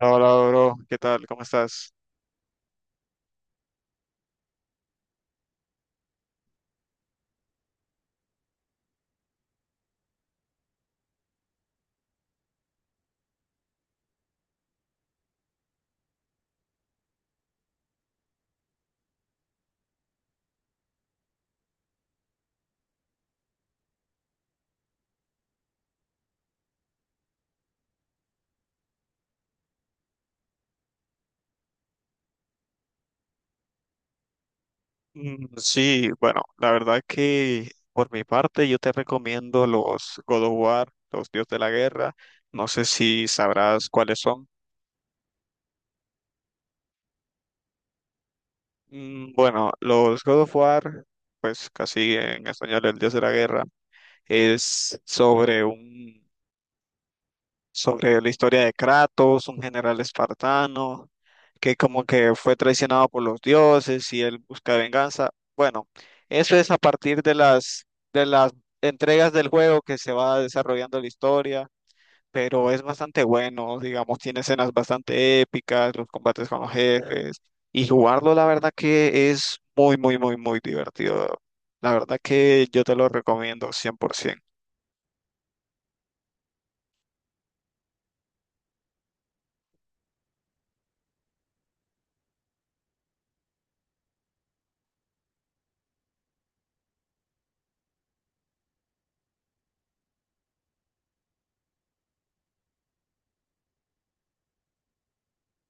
Hola, bro, ¿qué tal? ¿Cómo estás? Sí, bueno, la verdad que por mi parte yo te recomiendo los God of War, los Dios de la Guerra. No sé si sabrás cuáles son. Bueno, los God of War, pues casi en español el Dios de la Guerra, es sobre un sobre la historia de Kratos, un general espartano que como que fue traicionado por los dioses y él busca venganza. Bueno, eso es a partir de las entregas del juego que se va desarrollando la historia, pero es bastante bueno, digamos, tiene escenas bastante épicas, los combates con los jefes y jugarlo la verdad que es muy muy muy muy divertido. La verdad que yo te lo recomiendo 100%.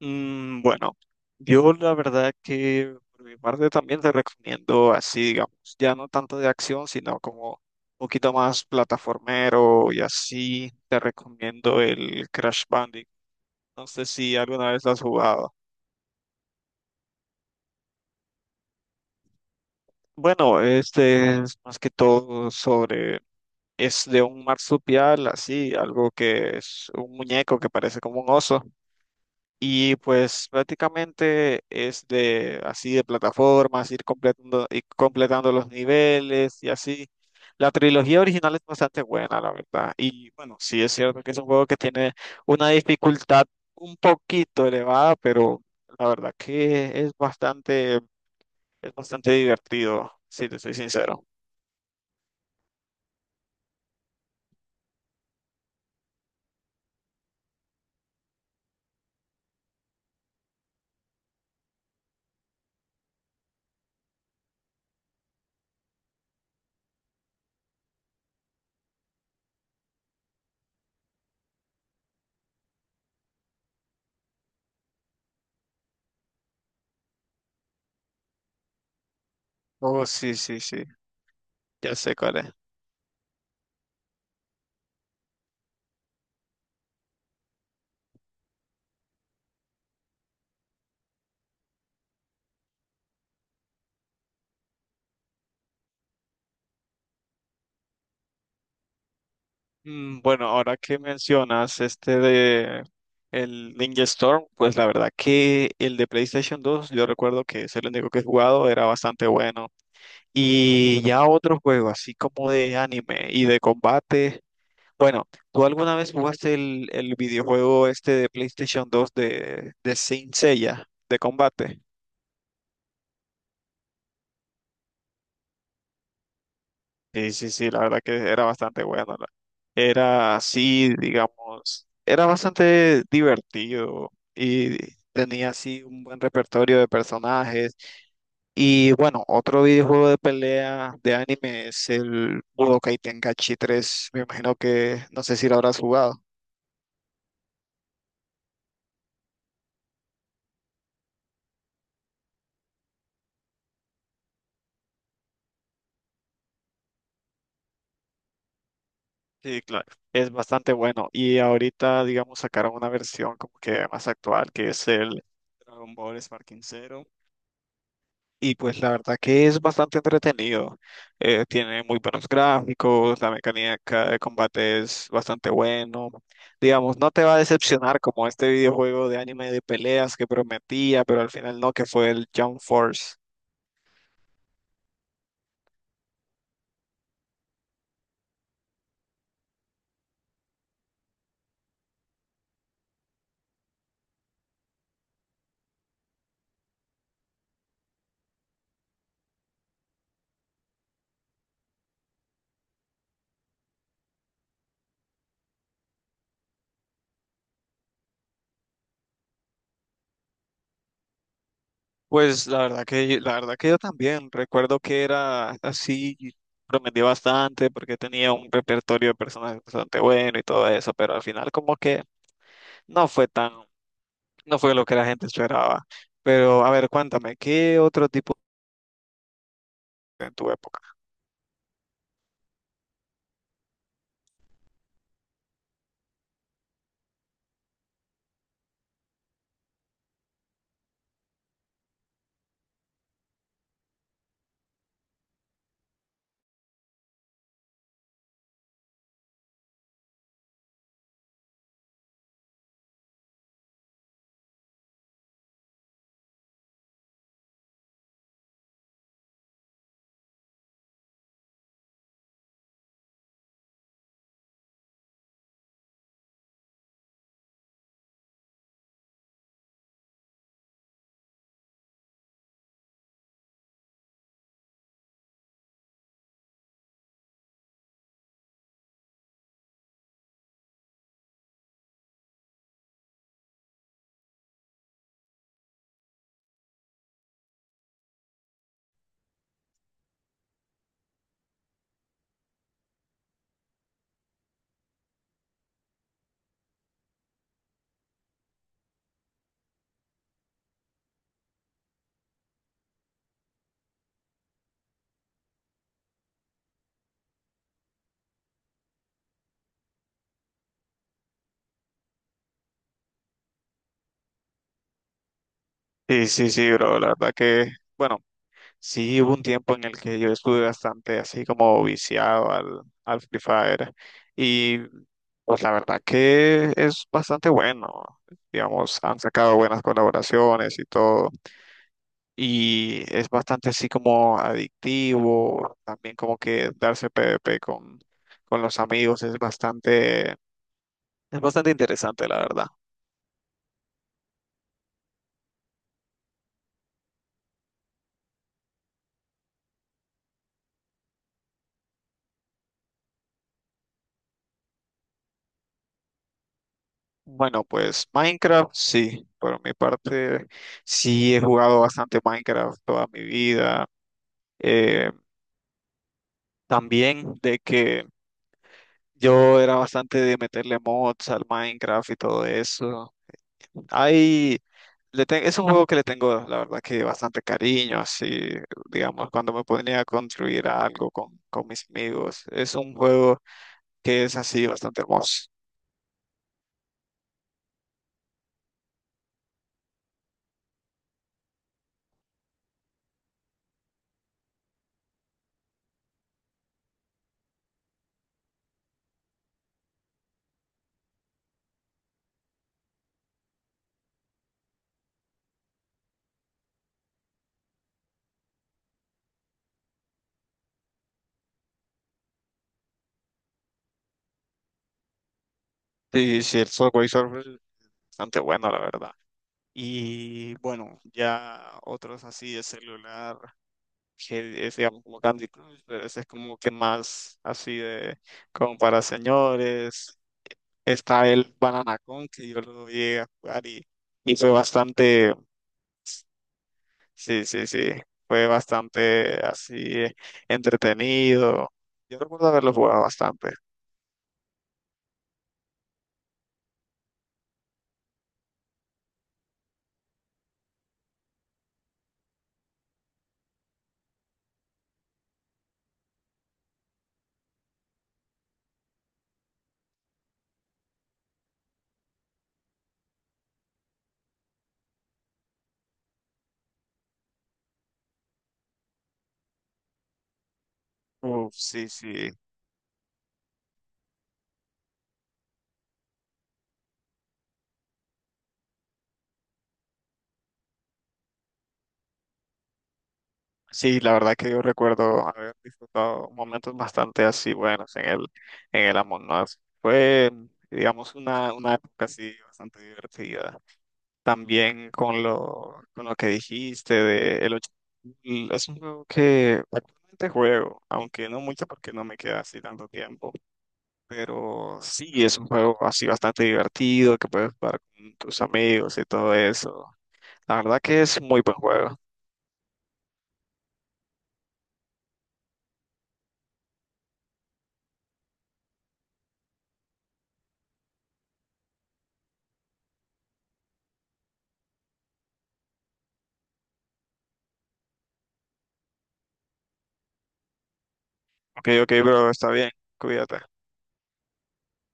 Mm, bueno, yo la verdad que por mi parte también te recomiendo así, digamos, ya no tanto de acción, sino como un poquito más plataformero y así, te recomiendo el Crash Bandicoot. No sé si alguna vez lo has jugado. Bueno, este es más que todo sobre, es de un marsupial, así, algo que es un muñeco que parece como un oso. Y pues prácticamente es de así de plataformas, ir completando los niveles y así. La trilogía original es bastante buena, la verdad. Y bueno, sí es cierto que es un juego que tiene una dificultad un poquito elevada, pero la verdad que es bastante divertido, si te soy sincero. Oh, sí, sí, sí, ya sé cuál es. Bueno, ahora que mencionas este de el Ninja Storm, pues la verdad que el de PlayStation 2, yo recuerdo que es el único que he jugado, era bastante bueno. Y ya otro juego, así como de anime y de combate. Bueno, ¿tú alguna vez jugaste el videojuego este de PlayStation 2 de Saint Seiya, de combate? Sí, sí, sí, la verdad que era bastante bueno. Era así, digamos, era bastante divertido y tenía así un buen repertorio de personajes. Y bueno, otro videojuego de pelea de anime es el Budokai Tenkaichi tres. Me imagino que no sé si lo habrás jugado. Sí, claro. Es bastante bueno. Y ahorita, digamos, sacaron una versión como que más actual, que es el Dragon Ball Sparking. Y pues la verdad que es bastante entretenido. Tiene muy buenos gráficos, la mecánica de combate es bastante bueno. Digamos, no te va a decepcionar como este videojuego de anime de peleas que prometía, pero al final no, que fue el Jump Force. Pues la verdad que la verdad que yo también recuerdo que era así, prometía bastante porque tenía un repertorio de personajes bastante bueno y todo eso, pero al final como que no fue tan. No fue lo que la gente esperaba. Pero, a ver, cuéntame, ¿qué otro tipo en tu época? Sí, sí, sí, bro, la verdad que, bueno, sí hubo un tiempo en el que yo estuve bastante así como viciado al Free Fire y pues la verdad que es bastante bueno, digamos, han sacado buenas colaboraciones y todo y es bastante así como adictivo, también como que darse PvP con los amigos es bastante interesante, la verdad. Bueno, pues Minecraft, sí, por mi parte, sí he jugado bastante Minecraft toda mi vida. Eh, También de que yo era bastante de meterle mods al Minecraft y todo eso. Hay, es un juego que le tengo, la verdad, que bastante cariño, así, digamos, cuando me ponía a construir algo con mis amigos. Es un juego que es así bastante hermoso. Sí, sí, el Subway Surfers es bastante bueno, la verdad. Y bueno, ya otros así de celular, que es digamos como Candy Crush, pero ese es como que más así de como para señores. Está el Banana Con, que yo lo llegué a jugar y fue bastante, sí, sí, sí, fue bastante así eh, entretenido. Yo recuerdo haberlo jugado bastante. Uf, sí, sí. Sí, la verdad que yo recuerdo haber disfrutado momentos bastante así buenos en el Among Us. Fue, digamos, una época así bastante divertida. También con lo que dijiste de el es un juego que actualmente juego, aunque no mucho porque no me queda así tanto tiempo. Pero sí, es un juego así bastante divertido que puedes jugar con tus amigos y todo eso. La verdad que es muy buen juego. Ok, ok, bro, está bien, cuídate.